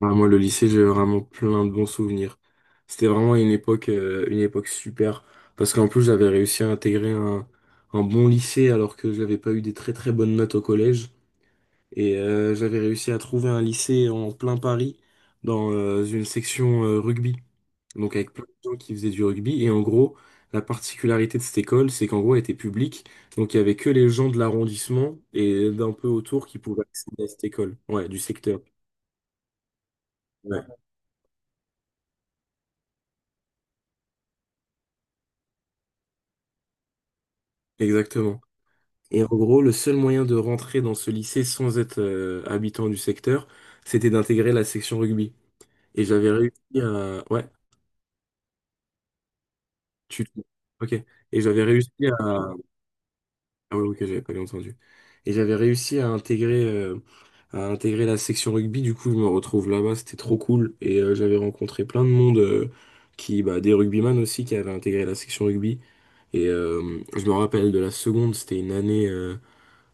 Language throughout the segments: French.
Ah, moi, le lycée, j'ai vraiment plein de bons souvenirs. C'était vraiment une époque super. Parce qu'en plus, j'avais réussi à intégrer un bon lycée alors que je n'avais pas eu des très très bonnes notes au collège. Et j'avais réussi à trouver un lycée en plein Paris dans une section rugby. Donc avec plein de gens qui faisaient du rugby. Et en gros, la particularité de cette école, c'est qu'en gros, elle était publique. Donc il y avait que les gens de l'arrondissement et d'un peu autour qui pouvaient accéder à cette école. Ouais, du secteur. Ouais, exactement. Et en gros, le seul moyen de rentrer dans ce lycée sans être habitant du secteur, c'était d'intégrer la section rugby. Et j'avais réussi à. Ouais, tu. Ok. Et j'avais réussi à. Ah ouais, ok, j'avais pas bien entendu. Et j'avais réussi à intégrer la section rugby. Du coup, je me retrouve là-bas, c'était trop cool. Et j'avais rencontré plein de monde, qui, bah, des rugbyman aussi qui avaient intégré la section rugby. Et je me rappelle de la seconde, c'était une année.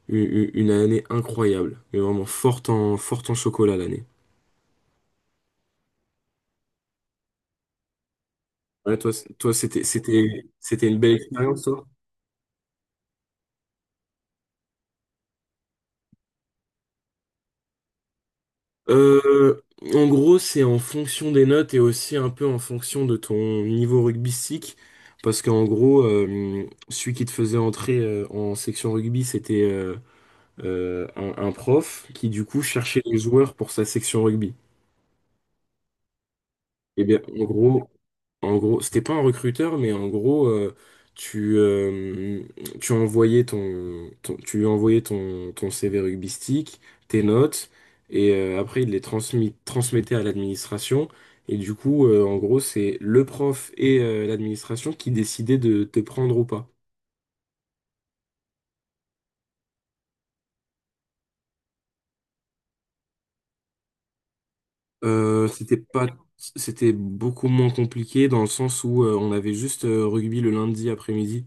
Une année incroyable, mais vraiment forte en chocolat l'année. Ouais, toi, toi c'était une belle expérience. Euh, en gros, c'est en fonction des notes et aussi un peu en fonction de ton niveau rugbystique. Parce qu'en gros, celui qui te faisait entrer en section rugby, c'était un prof qui, du coup, cherchait les joueurs pour sa section rugby. Et bien, en gros, c'était pas un recruteur, mais en gros, tu, euh, tu lui envoyais ton CV rugbystique, tes notes, et après, il les transmettait à l'administration. Et du coup, en gros, c'est le prof et l'administration qui décidaient de te prendre ou pas. Euh, c'était pas, c'était beaucoup moins compliqué dans le sens où on avait juste rugby le lundi après-midi.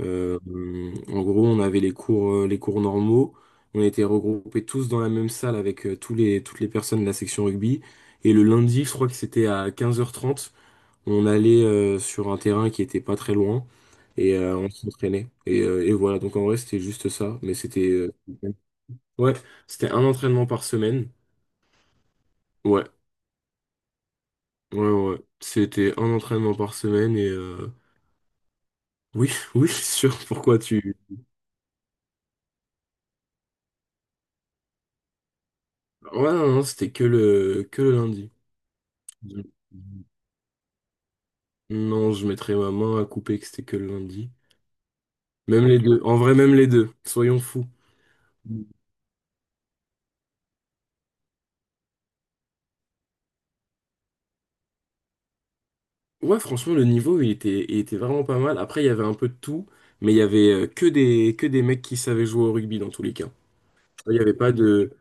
Euh, en gros, on avait les cours normaux. On était regroupés tous dans la même salle avec toutes les personnes de la section rugby. Et le lundi, je crois que c'était à 15h30. On allait sur un terrain qui était pas très loin et on s'entraînait. Et voilà, donc en vrai, c'était juste ça. Mais c'était ouais, c'était un entraînement par semaine. Ouais, ouais, ouais. C'était un entraînement par semaine et oui, oui, sûr. Pourquoi tu. Ouais, non, non, c'était que le lundi. Non, je mettrais ma main à couper que c'était que le lundi. Même les deux. En vrai, même les deux. Soyons fous. Ouais, franchement, le niveau, il était vraiment pas mal. Après, il y avait un peu de tout, mais il y avait que des mecs qui savaient jouer au rugby dans tous les cas. Il n'y avait pas de.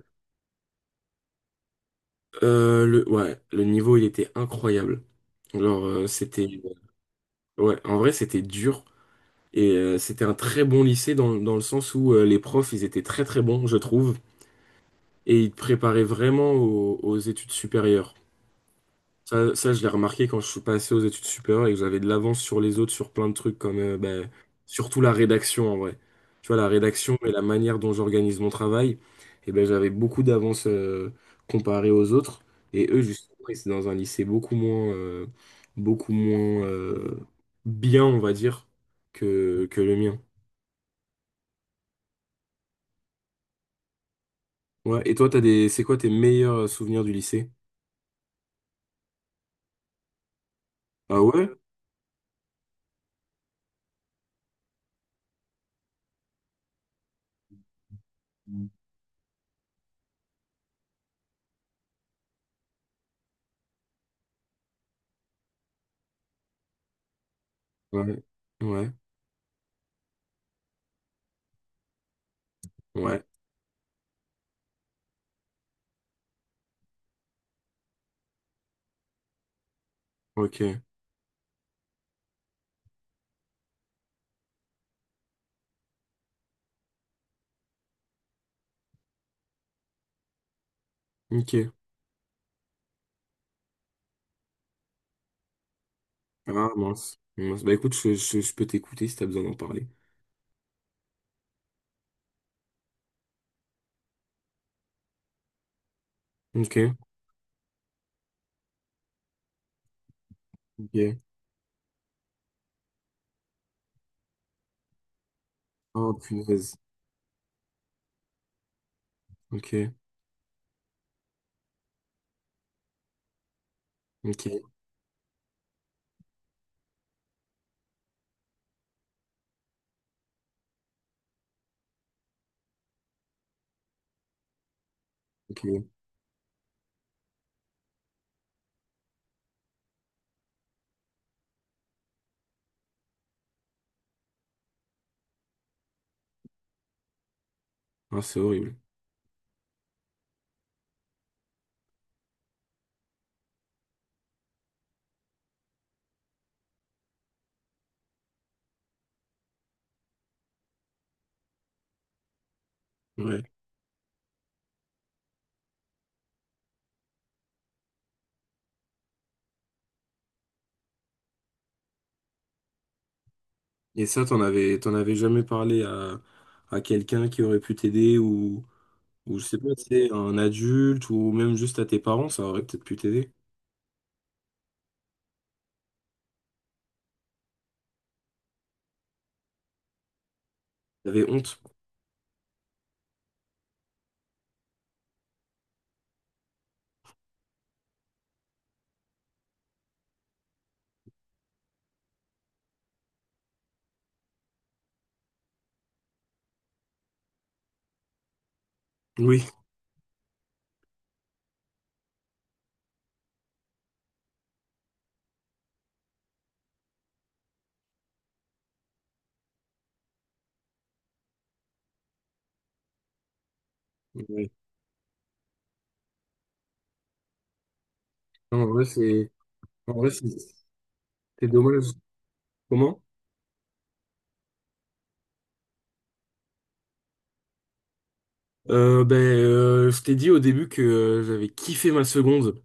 Ouais, le niveau, il était incroyable. Alors, c'était. Ouais, en vrai, c'était dur. Et c'était un très bon lycée dans le sens où les profs, ils étaient très très bons, je trouve. Et ils te préparaient vraiment aux études supérieures. Ça, je l'ai remarqué quand je suis passé aux études supérieures et que j'avais de l'avance sur les autres sur plein de trucs comme surtout la rédaction en vrai. Tu vois, la rédaction et la manière dont j'organise mon travail, et ben, j'avais beaucoup d'avance comparé aux autres. Et eux, justement, ils étaient dans un lycée beaucoup moins, beaucoup moins euh, bien, on va dire, que le mien. Ouais. Et toi, t'as des. C'est quoi tes meilleurs souvenirs du lycée? Ah ouais? Ouais. Ouais. Ouais. Ok. Ok. Ah mince, mince. Bah écoute, je peux t'écouter si t'as besoin d'en parler. Ok, ok. Oh punaise. Ok, ok, ok. Ah c'est horrible. Ouais. Et ça, t'en avais jamais parlé à quelqu'un qui aurait pu t'aider ou je sais pas, c'est un adulte ou même juste à tes parents, ça aurait peut-être pu t'aider. T'avais honte. Oui. Ouais. Non, en vrai, en vrai, c'est c'est dommage. Comment? Je t'ai dit au début que j'avais kiffé ma seconde.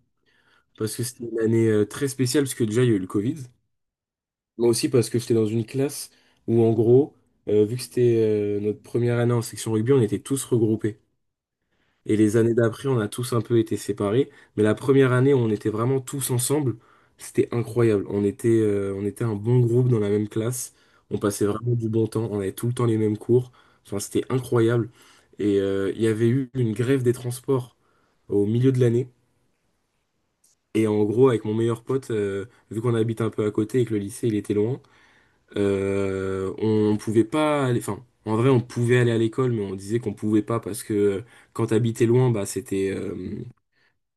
Parce que c'était une année très spéciale, parce que déjà il y a eu le Covid, mais aussi parce que j'étais dans une classe où en gros, vu que c'était notre première année en section rugby, on était tous regroupés. Et les années d'après, on a tous un peu été séparés, mais la première année où on était vraiment tous ensemble, c'était incroyable. On était, on était un bon groupe dans la même classe, on passait vraiment du bon temps, on avait tout le temps les mêmes cours, enfin c'était incroyable. Et il y avait eu une grève des transports au milieu de l'année. Et en gros, avec mon meilleur pote, vu qu'on habite un peu à côté et que le lycée il était loin, on pouvait pas aller. Enfin, en vrai, on pouvait aller à l'école, mais on disait qu'on pouvait pas parce que quand t'habitais loin, bah c'était, euh,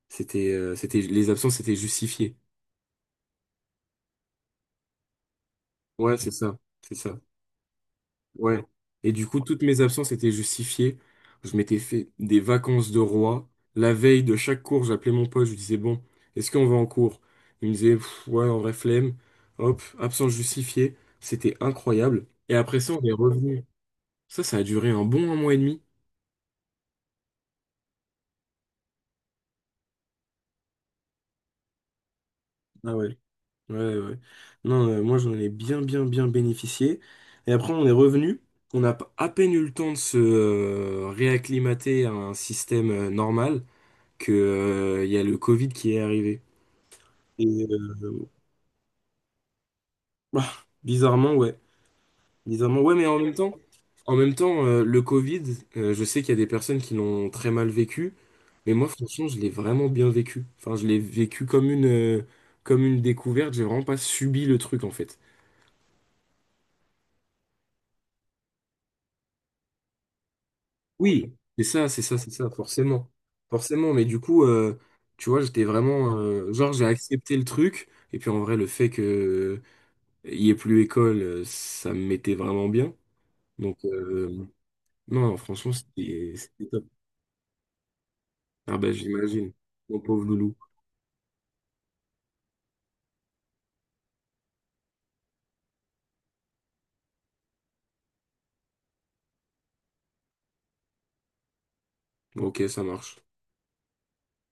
c'était, euh, c'était les absences étaient justifiées. Ouais, c'est ça, c'est ça. Ouais. Et du coup, toutes mes absences étaient justifiées. Je m'étais fait des vacances de roi. La veille de chaque cours, j'appelais mon pote, je lui disais, bon, est-ce qu'on va en cours? Il me disait, pff, ouais, en vrai, flemme. Hop, absence justifiée. C'était incroyable. Et après ça, on est revenu. Ça a duré un bon un mois et demi. Ah ouais. Ouais, ouais. Non, moi, j'en ai bien, bien, bien bénéficié. Et après, on est revenu. On a à peine eu le temps de se réacclimater à un système normal, que, il y a le Covid qui est arrivé. Et, bah, bizarrement, ouais. Bizarrement, ouais, mais en même temps, le Covid, je sais qu'il y a des personnes qui l'ont très mal vécu, mais moi, franchement, je l'ai vraiment bien vécu. Enfin, je l'ai vécu comme une découverte. J'ai vraiment pas subi le truc, en fait. Oui, c'est ça, c'est ça, c'est ça, forcément. Forcément, mais du coup, tu vois, j'étais vraiment. Genre, j'ai accepté le truc, et puis en vrai, le fait que il y ait plus école, ça me mettait vraiment bien. Donc, non, franchement, c'était top. Ah ben, j'imagine. Mon pauvre loulou. Ok, ça marche.